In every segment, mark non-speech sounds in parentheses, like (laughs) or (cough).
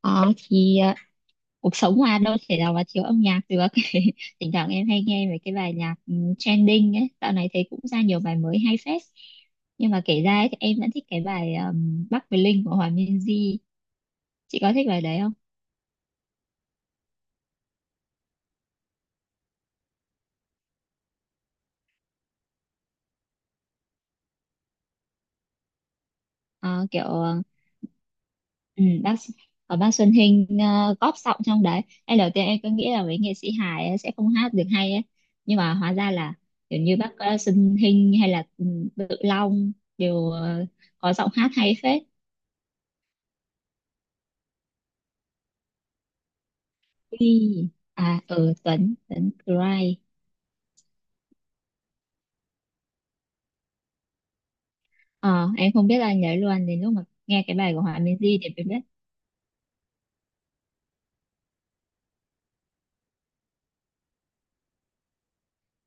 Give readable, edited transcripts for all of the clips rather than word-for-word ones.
Ờ, thì ờ, cuộc sống mà đâu thể nào mà thiếu âm nhạc được (laughs) thỉnh thoảng em hay nghe mấy cái bài nhạc trending ấy, dạo này thấy cũng ra nhiều bài mới hay phết. Nhưng mà kể ra ấy, thì em vẫn thích cái bài Bắc với Linh của Hòa Minzy. Chị có thích bài đấy không? Ờ, kiểu ờ, ừ, bác, có bác Xuân Hinh góp giọng trong đấy. Ngay đầu tiên em cứ nghĩ là mấy nghệ sĩ hài ấy sẽ không hát được hay ấy, nhưng mà hóa ra là kiểu như bác Xuân Hinh hay là Tự Long đều có giọng hát hay phết. Quy, à ừ Tuấn Tuấn Cry ờ em không biết, là nhớ luôn đến lúc mà nghe cái bài của Hòa Minzy thì em biết.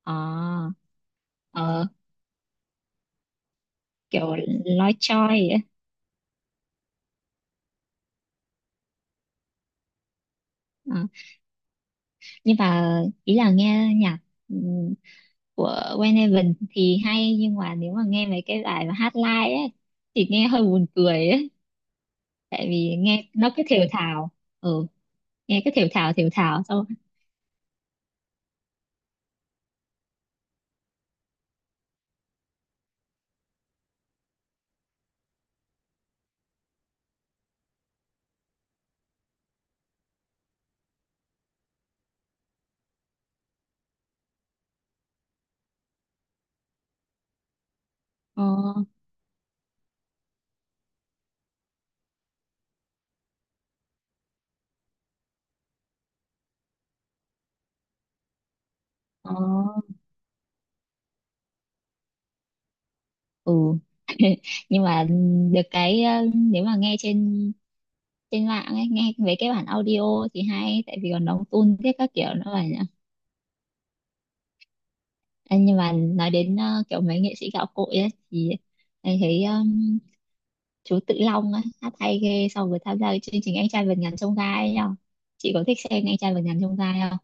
Ờ, ờ kiểu nói choi ấy. Ờ, nhưng mà ý là nghe nhạc ừm, của Wayne Evan thì hay, nhưng mà nếu mà nghe mấy cái bài mà hát live ấy thì nghe hơi buồn cười ấy, tại vì nghe nó cứ thều thào. Ừ, nghe cứ thều thào xong. Ờ ờ, ừ, nhưng mà được cái nếu mà nghe trên trên mạng ấy, nghe mấy cái bản audio thì hay, tại vì còn đóng tune thế các kiểu nữa mà nhỉ. Ê, nhưng mà nói đến kiểu mấy nghệ sĩ gạo cội ấy, thì anh thấy chú Tự Long ấy, hát hay ghê so với tham gia cái chương trình Anh trai vượt ngàn chông gai ấy nhở? Chị có thích xem Anh trai vượt ngàn chông gai không?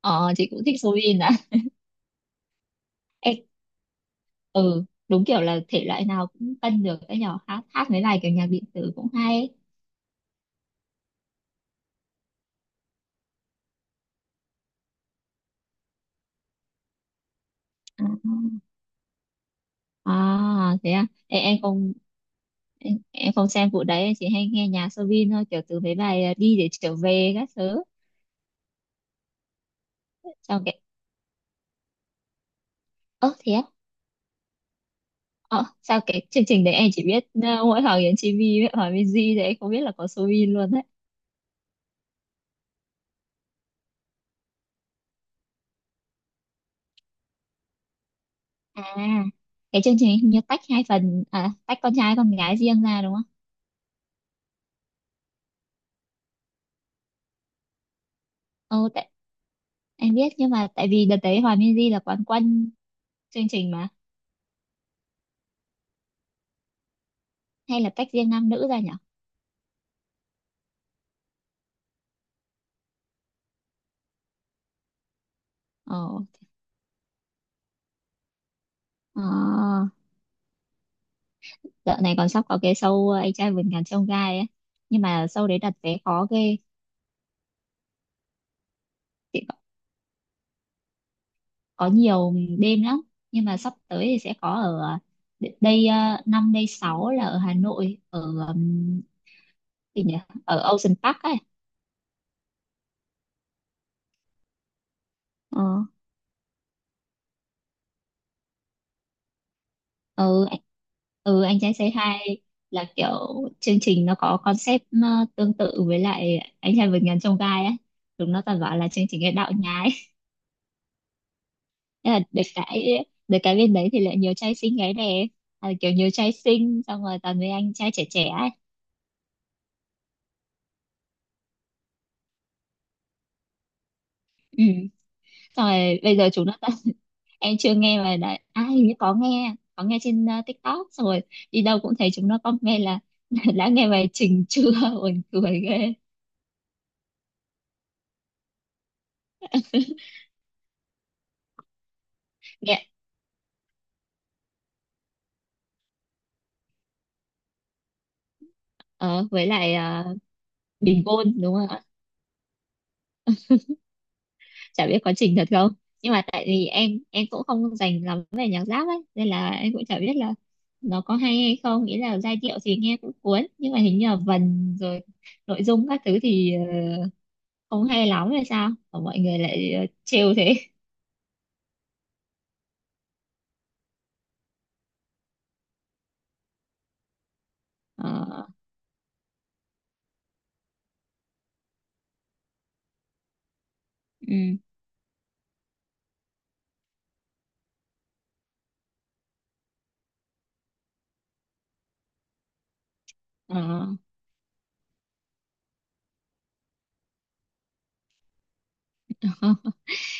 Ờ, chị cũng thích Soin à. (laughs) Ê, ừ, đúng kiểu là thể loại nào cũng cân được ấy nhở, hát hát mấy bài kiểu nhạc điện tử cũng hay ấy. À, à thế à. Ê, em không, em không xem vụ đấy, em chỉ hay nghe nhạc Soobin thôi, kiểu từ mấy bài đi để trở về các thứ. Xong cái ơ thế á. Ờ, sao cái chương trình đấy em chỉ biết mỗi Hoàng Yến Chi Vi với Hoàng Minh Di, thì em không biết là có Soobin luôn đấy. À, cái chương trình hình như tách hai phần, à tách con trai con gái riêng ra đúng không? Ừ, tại, em biết, nhưng mà tại vì đợt đấy hòa Minh là quán quân chương trình mà. Hay là tách riêng nam nữ ra nhỉ? Ờ. Ờ, dạo này còn sắp có cái show anh trai vượt ngàn chông gai ấy, nhưng mà show đấy đặt vé khó ghê. Chị có nhiều đêm lắm, nhưng mà sắp tới thì sẽ có ở đây năm đây sáu là ở Hà Nội, ở ừm, gì nhỉ, ở Ocean Park ấy. Ờ. ừ, anh- ừ, anh trai say hi là kiểu chương trình nó có concept tương tự với lại anh trai vượt ngàn chông gai ấy. Chúng nó toàn bảo là chương trình cái đạo nhái. (laughs) Thế là được cái bên đấy thì lại nhiều trai xinh gái đẹp, à, kiểu nhiều trai xinh, xong rồi toàn với anh trai trẻ trẻ ấy. Ừ. Xong rồi bây giờ chúng nó, em chưa nghe mà đã à, hình như có nghe, có nghe trên TikTok, xong rồi đi đâu cũng thấy chúng nó comment là (laughs) đã nghe bài Trình chưa, buồn cười ghê. Nghe ờ, với lại ờ, Bình Gôn đúng không ạ? Chả biết có Trình thật không, nhưng mà tại vì em cũng không dành lắm về nhạc rap ấy, nên là em cũng chả biết là nó có hay hay không. Nghĩa là giai điệu thì nghe cũng cuốn, nhưng mà hình như là vần rồi nội dung các thứ thì không hay lắm hay sao mà mọi người lại trêu thế. Ờ, ừ, ờ.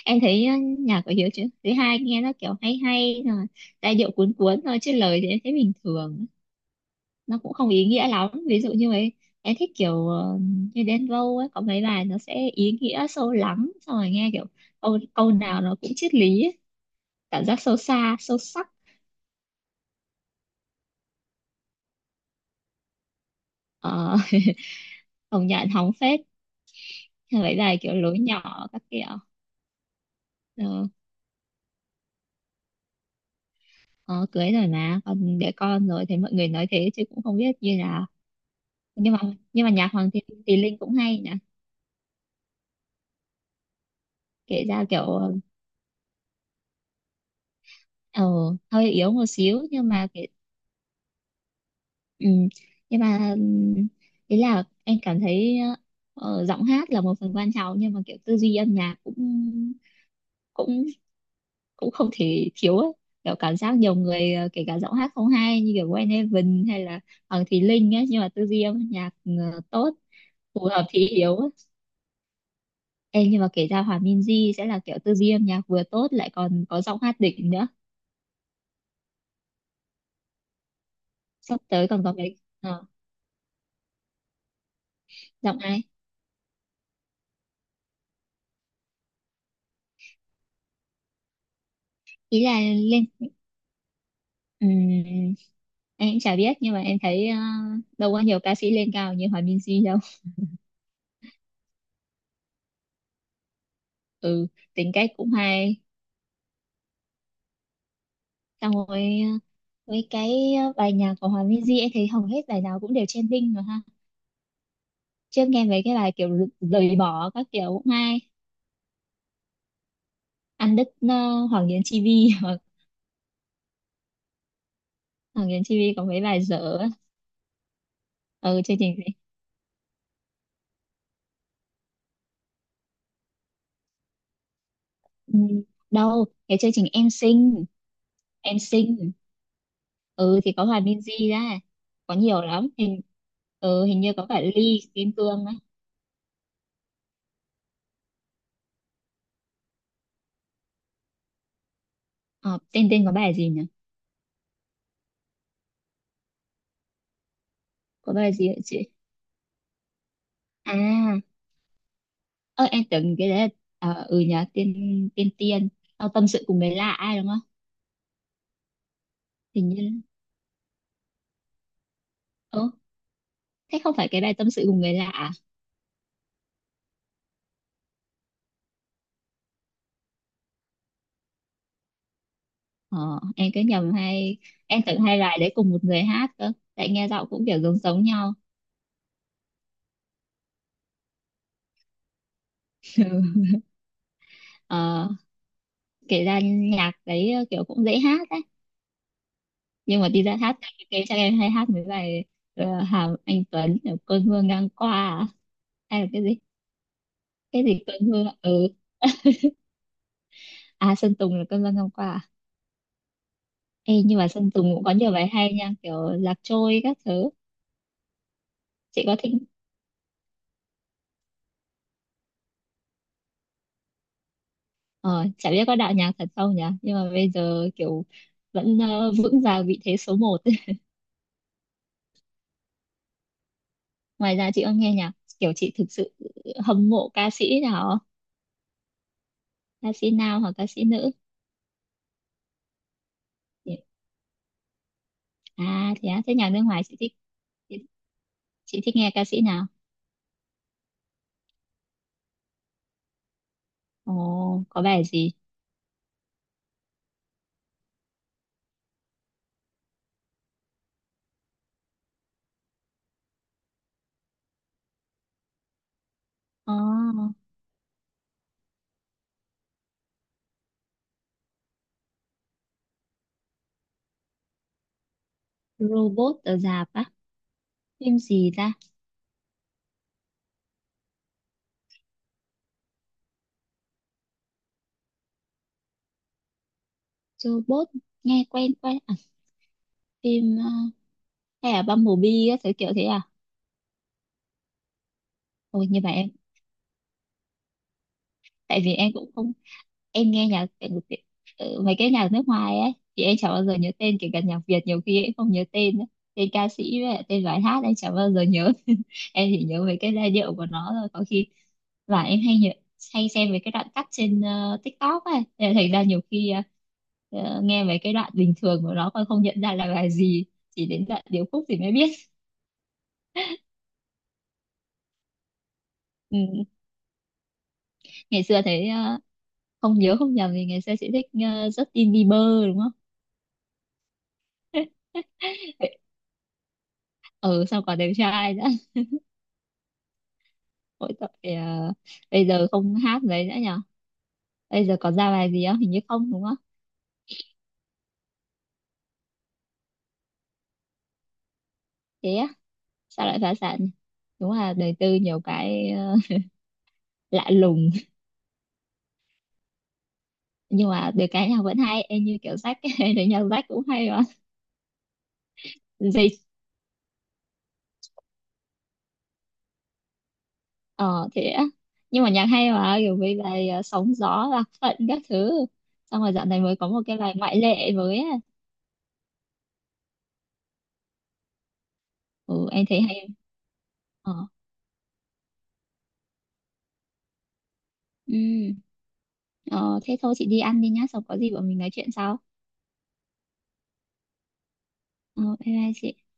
Em thấy nhạc của Hiếu thứ hai nghe nó kiểu hay hay rồi, giai điệu cuốn cuốn thôi, chứ lời thì em thấy bình thường. Nó cũng không ý nghĩa lắm, ví dụ như ấy em thích kiểu như Đen Vâu ấy, có mấy bài nó sẽ ý nghĩa sâu lắng, xong rồi nghe kiểu câu câu nào nó cũng triết lý ấy. Cảm giác sâu xa sâu sắc. Ờ, (laughs) công nhận hóng phết. Hay mấy bài kiểu lối nhỏ các kiểu. Ờ, ờ, cưới rồi mà còn để con rồi thì mọi người nói thế, chứ cũng không biết như nào. Nhưng mà nhưng mà nhạc Hoàng Thùy Linh cũng hay nhỉ. Kể ra kiểu ờ, hơi yếu một xíu, nhưng mà kể, ừ, nhưng mà ý là em cảm thấy giọng hát là một phần quan trọng, nhưng mà kiểu tư duy âm nhạc cũng cũng cũng không thể thiếu ấy. Kiểu cảm giác nhiều người kể cả giọng hát không hay như kiểu Wayne Heaven hay là Hoàng Thùy Linh ấy, nhưng mà tư duy âm nhạc tốt, phù hợp thì yếu ấy. Em nhưng mà kể ra Hòa Minzy sẽ là kiểu tư duy âm nhạc vừa tốt lại còn có giọng hát đỉnh nữa. Sắp tới còn có cái ờ, giọng ai? Ý là ừm, em cũng chả biết, nhưng mà em thấy đâu có nhiều ca sĩ lên cao như Hòa Minzy đâu. Ừ, tính cách cũng hay. Xong rồi với cái bài nhạc của Hòa Minzy em thấy hầu hết bài nào cũng đều trending mà ha. Trước nghe mấy cái bài kiểu rời bỏ các kiểu cũng hay, ăn đứt Hoàng Yến Chi Vi. (laughs) Hoặc Hoàng Yến Chi Vi có mấy bài dở. Ở chương trình gì? Ừm, đâu cái chương trình Em Xinh. Em xinh, ừ thì có hòa Minzy ra, có nhiều lắm, hình, ừ, hình như có cả Ly Kim Cương á. Ờ, tên tên có bài gì nhỉ? Có bài gì vậy chị? À, ơ em tưởng cái đấy là, à, ừ nhỉ, tên tên tiên. Ờ, tâm sự cùng người lạ ai đúng không? Hình như ừ, thế không phải cái bài tâm sự cùng người lạ à? Ờ, em cứ nhầm hay, em tưởng hai bài đấy cùng một người hát cơ, tại nghe giọng cũng kiểu giống giống nhau. (laughs) Ờ, kể ra nhạc đấy kiểu cũng dễ hát á. Nhưng mà đi ra hát cái chắc em hay hát mấy bài Hàm Anh Tuấn kiểu cơn mưa ngang qua à? Hay là cái gì, cái gì cơn mưa, ừ. À Sơn Tùng là cơn mưa ngang qua à? Ê, nhưng mà Sơn Tùng cũng có nhiều bài hay nha, kiểu Lạc Trôi các thứ. Chị có thích? Ờ, chả biết có đạo nhạc thật không nhỉ, nhưng mà bây giờ kiểu vẫn vững vàng vị thế số một. (laughs) Ngoài ra chị có nghe nhạc kiểu chị thực sự hâm mộ ca sĩ nào không? Ca sĩ nào, hoặc ca sĩ nữ? À thế á, thế nhạc nước ngoài chị thích, chị, chị thích nghe ca sĩ nào? Ồ, có bài gì? Ồ, robot ở rạp á? Phim gì ta? Robot, nghe quen quen à? Phim hay là Bumblebee á, kiểu kiểu thế à? Ôi, nhưng mà em, tại vì em cũng không, em nghe nhạc tại vì ừ, mấy cái nhạc nước ngoài ấy, thì em chả bao giờ nhớ tên, kể cả nhạc Việt nhiều khi em không nhớ tên ấy. Tên ca sĩ với lại tên bài hát em chả bao giờ nhớ. (laughs) Em chỉ nhớ mấy cái giai điệu của nó thôi, có khi và em hay xem về cái đoạn cắt trên TikTok ấy. Thế là thành ra nhiều khi nghe về cái đoạn bình thường của nó còn không nhận ra là bài gì, chỉ đến đoạn điệp khúc thì mới biết. Ừ. Ngày xưa thấy không nhớ không nhầm thì ngày xưa chị thích Justin Bieber đúng không? (laughs) Ừ, sao còn đẹp trai nữa. Mỗi tội bây giờ không hát mấy nữa nhở, bây giờ còn ra bài gì không, hình như không đúng không? Thế á, sao lại phá sản? Đúng là đời tư nhiều cái lạ lùng. Nhưng mà được cái nhạc vẫn hay, em như kiểu Jack (laughs) ấy, thì nhạc Jack cũng hay mà. Gì? Ờ thế á. Nhưng mà nhạc hay mà, kiểu với bài sóng gió lạc phận các thứ. Xong rồi dạo này mới có một cái bài ngoại lệ mới á. Ừ, em thấy hay. Ờ, ừ, ờ thế thôi chị đi ăn đi nhá, xong có gì bọn mình nói chuyện sau. Ờ, bye bye chị.